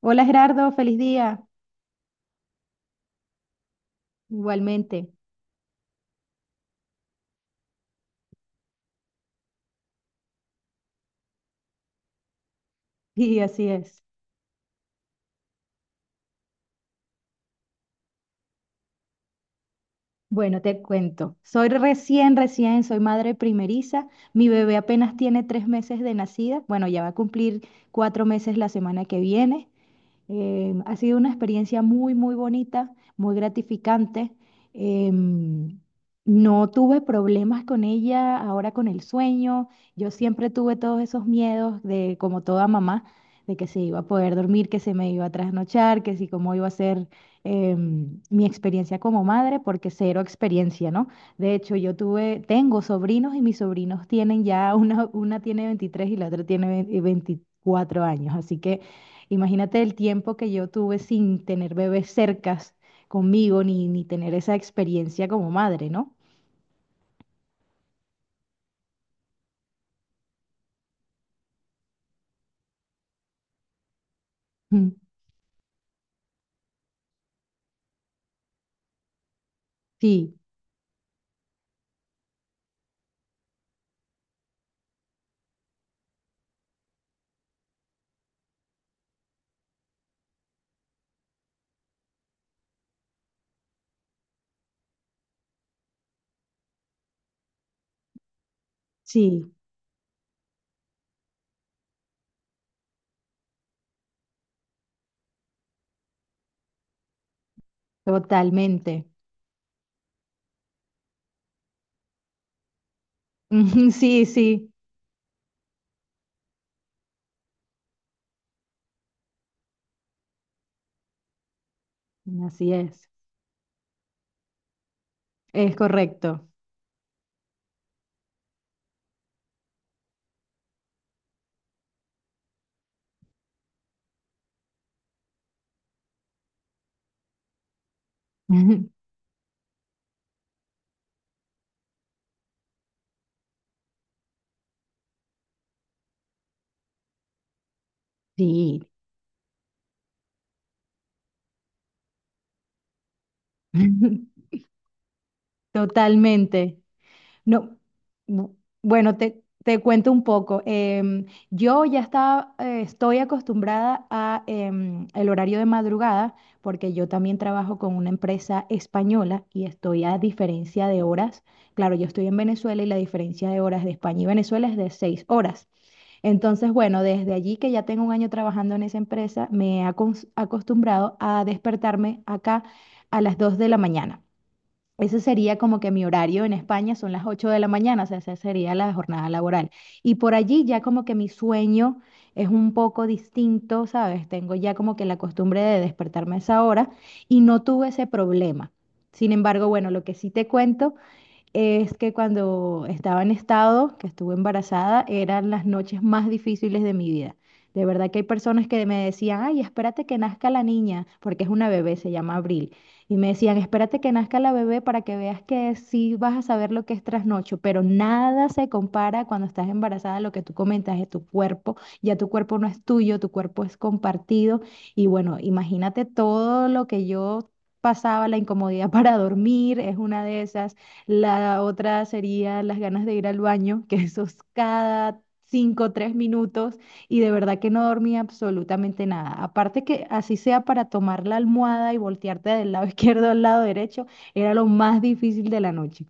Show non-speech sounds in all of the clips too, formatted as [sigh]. Hola Gerardo, feliz día. Igualmente. [laughs] Y así es. Bueno, te cuento. Soy madre primeriza. Mi bebé apenas tiene 3 meses de nacida. Bueno, ya va a cumplir 4 meses la semana que viene. Ha sido una experiencia muy, muy bonita, muy gratificante. Em, no tuve problemas con ella ahora con el sueño. Yo siempre tuve todos esos miedos de, como toda mamá, de que se iba a poder dormir, que se me iba a trasnochar, que si cómo iba a ser mi experiencia como madre, porque cero experiencia, ¿no? De hecho, yo tuve, tengo sobrinos y mis sobrinos tienen ya, una tiene 23 y la otra tiene 20 24 años, así que imagínate el tiempo que yo tuve sin tener bebés cercas conmigo ni tener esa experiencia como madre, ¿no? Mm. Sí, sí, totalmente. [laughs] Ujú. Sí, sí, así es. Es correcto. [laughs] Sí, [laughs] totalmente. No, bu- bueno, te cuento un poco. Yo ya estaba, estoy acostumbrada a el horario de madrugada porque yo también trabajo con una empresa española y estoy a diferencia de horas. Claro, yo estoy en Venezuela y la diferencia de horas de España y Venezuela es de 6 horas. Entonces, bueno, desde allí que ya tengo un año trabajando en esa empresa, me he acostumbrado a despertarme acá a las 2 de la mañana. Ese sería como que mi horario en España son las 8 de la mañana, o sea, esa sería la jornada laboral. Y por allí ya como que mi sueño es un poco distinto, ¿sabes? Tengo ya como que la costumbre de despertarme a esa hora y no tuve ese problema. Sin embargo, bueno, lo que sí te cuento es que cuando estaba en estado, que estuve embarazada, eran las noches más difíciles de mi vida. De verdad que hay personas que me decían, ay, espérate que nazca la niña, porque es una bebé, se llama Abril. Y me decían, espérate que nazca la bebé para que veas que sí vas a saber lo que es trasnocho, pero nada se compara cuando estás embarazada a lo que tú comentas de tu cuerpo. Ya tu cuerpo no es tuyo, tu cuerpo es compartido. Y bueno, imagínate todo lo que yo pasaba, la incomodidad [laughs] para dormir, es una de esas, la otra sería las ganas de ir al baño, que eso es cada 5 o 3 minutos y de verdad que no dormía absolutamente nada. Aparte que así sea para tomar la almohada y voltearte del lado [laughs] izquierdo al lado derecho, era lo más difícil de la noche.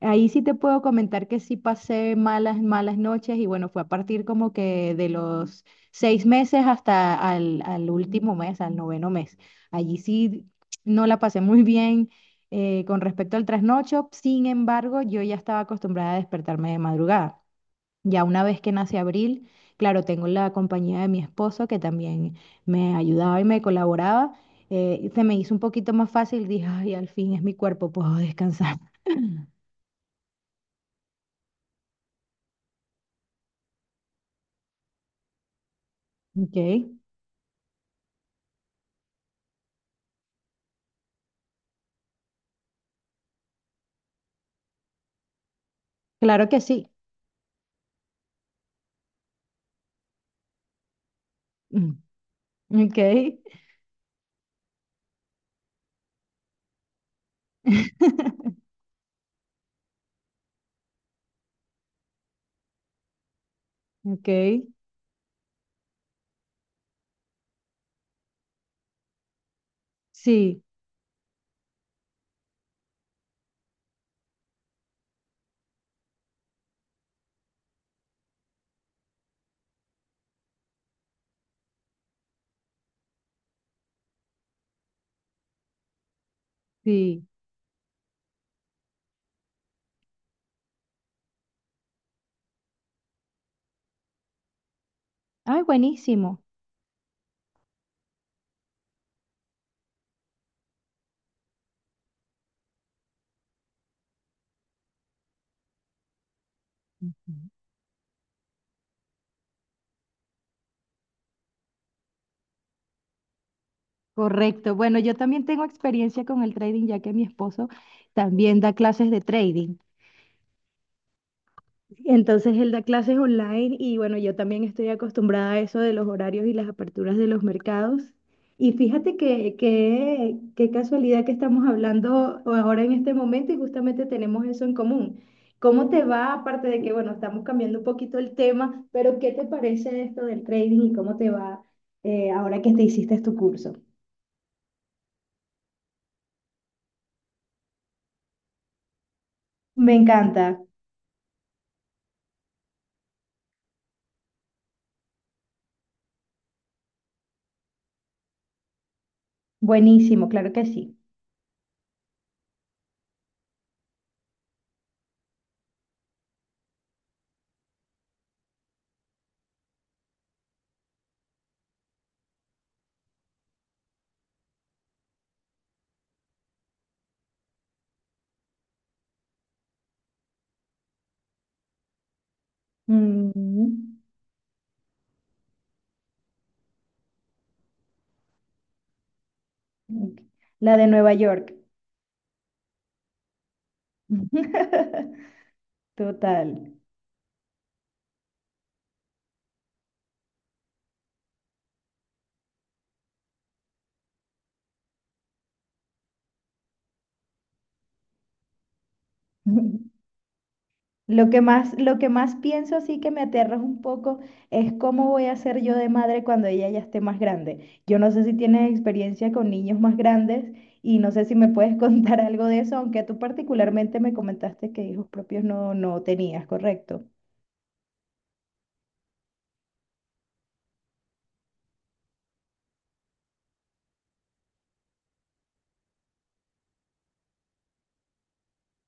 Ahí sí te puedo comentar que sí pasé malas, malas noches y bueno, fue a partir como que de los 6 meses hasta al último mes, al noveno mes. Allí sí no la pasé muy bien, con respecto al trasnocho. Sin embargo, yo ya estaba acostumbrada a despertarme de madrugada. Ya una vez que nace Abril, claro, tengo la compañía de mi esposo que también me ayudaba y me colaboraba. Y se me hizo un poquito más fácil, dije, ay, al fin es mi cuerpo, puedo descansar. [laughs] Ok, claro que sí. Mm. Ok, [laughs] ok, sí, sí. Ay, buenísimo. Correcto. Bueno, yo también tengo experiencia con el trading, ya que mi esposo también da clases de trading. Entonces, él da clases online y bueno, yo también estoy acostumbrada a eso de los horarios y las aperturas de los mercados. Y fíjate qué casualidad que estamos hablando ahora en este momento y justamente tenemos eso en común. ¿Cómo te va? Aparte de que, bueno, estamos cambiando un poquito el tema, pero ¿qué te parece esto del trading y cómo te va ahora que te hiciste tu curso? Me encanta. Buenísimo, claro que sí. Mm, ok. La de Nueva York. [laughs] Total. [laughs] Lo que más pienso así que me aterra un poco es cómo voy a ser yo de madre cuando ella ya esté más grande. Yo no sé si tienes experiencia con niños más grandes y no sé si me puedes [laughs] contar algo de eso, aunque tú particularmente me comentaste que hijos propios no, no tenías, ¿correcto?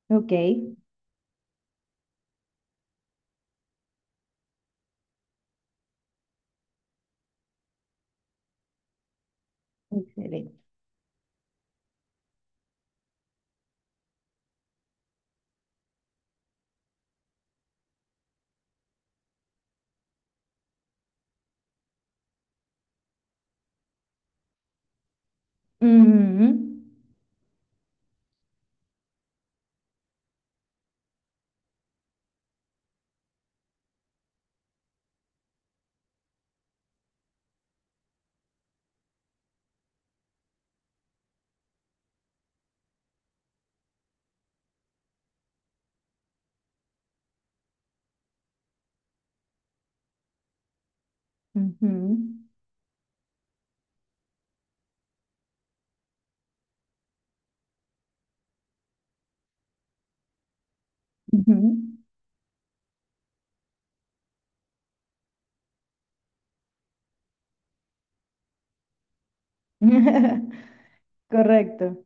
Ok, excelente. Ujú, ujú, ujú. [laughs] Correcto,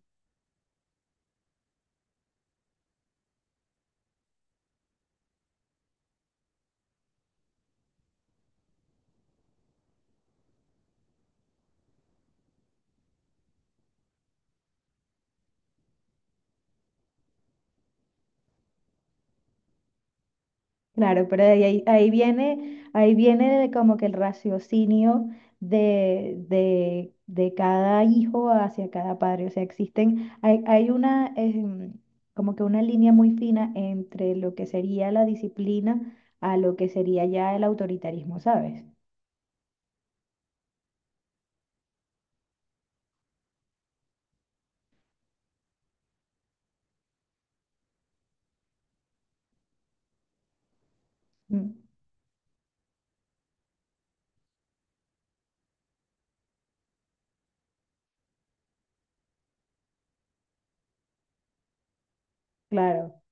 claro, pero ahí viene de como que el raciocinio de cada hijo hacia cada padre. O sea, existen, hay una, como que una línea muy fina entre lo que sería la disciplina a lo que sería ya el autoritarismo, ¿sabes? Mm. Claro,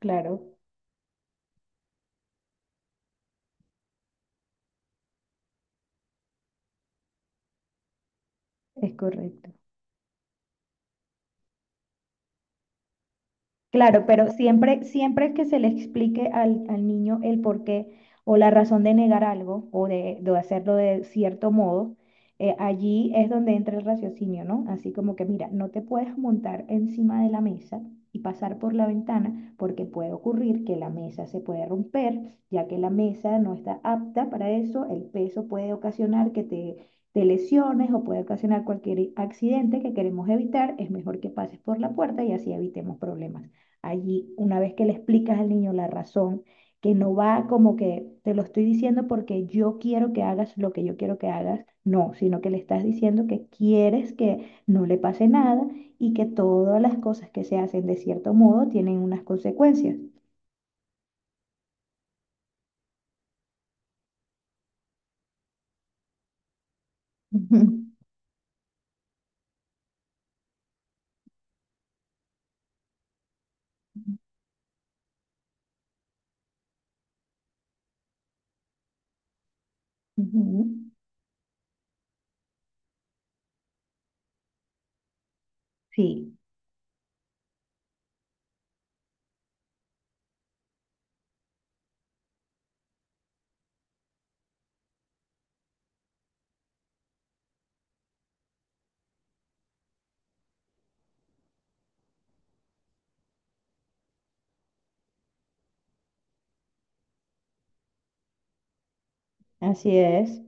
claro, es correcto. Claro, pero siempre, siempre que se le explique al niño el porqué o la razón de negar algo o de hacerlo de cierto modo, allí es donde entra el raciocinio, ¿no? Así como que, mira, no te puedes montar encima de la mesa y pasar por la ventana porque puede ocurrir que la mesa se puede romper, ya que la mesa no está apta para eso, el peso puede ocasionar que te lesiones o puede ocasionar cualquier accidente que queremos evitar, es mejor que pases por la puerta y así evitemos problemas allí, una vez que le explicas al niño la razón, que no va como que te lo estoy diciendo porque yo quiero que hagas lo que yo quiero que hagas, no, sino que le estás diciendo que quieres que no le pase nada y que todas las cosas que se hacen de cierto modo tienen unas consecuencias. [laughs] Ujú, ujú. Sí, así es.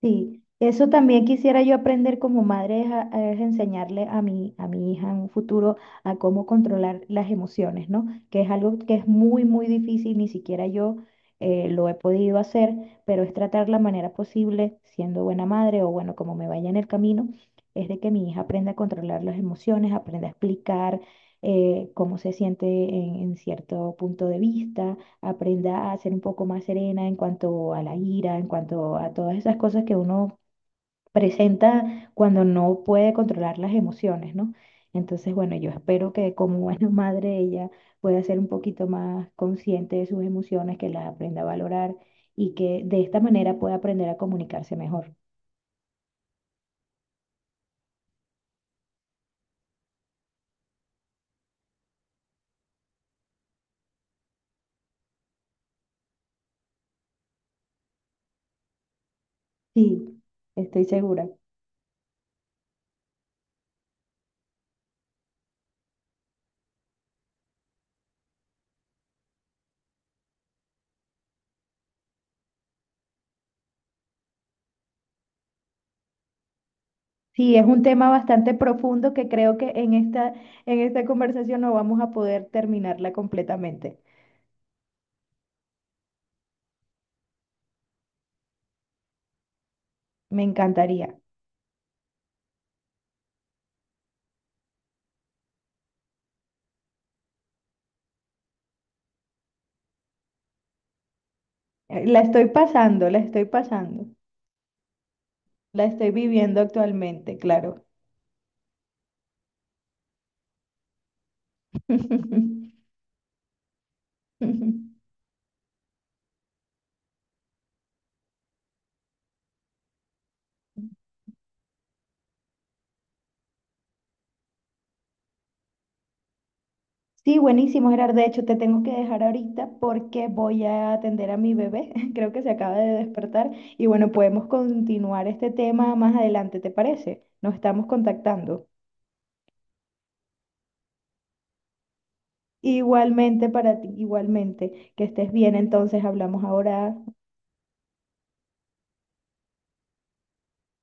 Sí, eso también quisiera yo aprender como madre, es enseñarle a a mi hija en un futuro a cómo controlar las emociones, ¿no? Que es algo que es muy, muy difícil, ni siquiera yo lo he podido hacer, pero es tratar la manera posible, siendo buena madre o bueno, como me vaya en el camino, es de que mi hija aprenda a controlar las emociones, aprenda a explicar cómo se siente en cierto punto de vista aprenda a ser un poco más serena en cuanto a la ira, en cuanto a todas esas cosas que uno presenta cuando no puede controlar las emociones, ¿no? Entonces, bueno, yo espero que como buena [laughs] madre ella pueda ser un poquito más consciente de sus emociones, que las aprenda a valorar y que de esta manera pueda aprender a comunicarse mejor. Sí, estoy segura. Sí, es un tema bastante profundo que creo que en esta conversación no vamos a poder terminarla completamente. Me encantaría. La estoy pasando, la estoy pasando. La estoy viviendo actualmente, claro. [laughs] Sí, buenísimo, Gerard. De hecho, te tengo que dejar ahorita porque voy a atender a mi bebé. [laughs] Creo que se acaba de despertar. Y bueno, podemos continuar este tema más adelante, ¿te parece? Nos estamos contactando. Igualmente para ti, igualmente. Que estés bien, entonces hablamos ahora.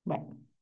Bye.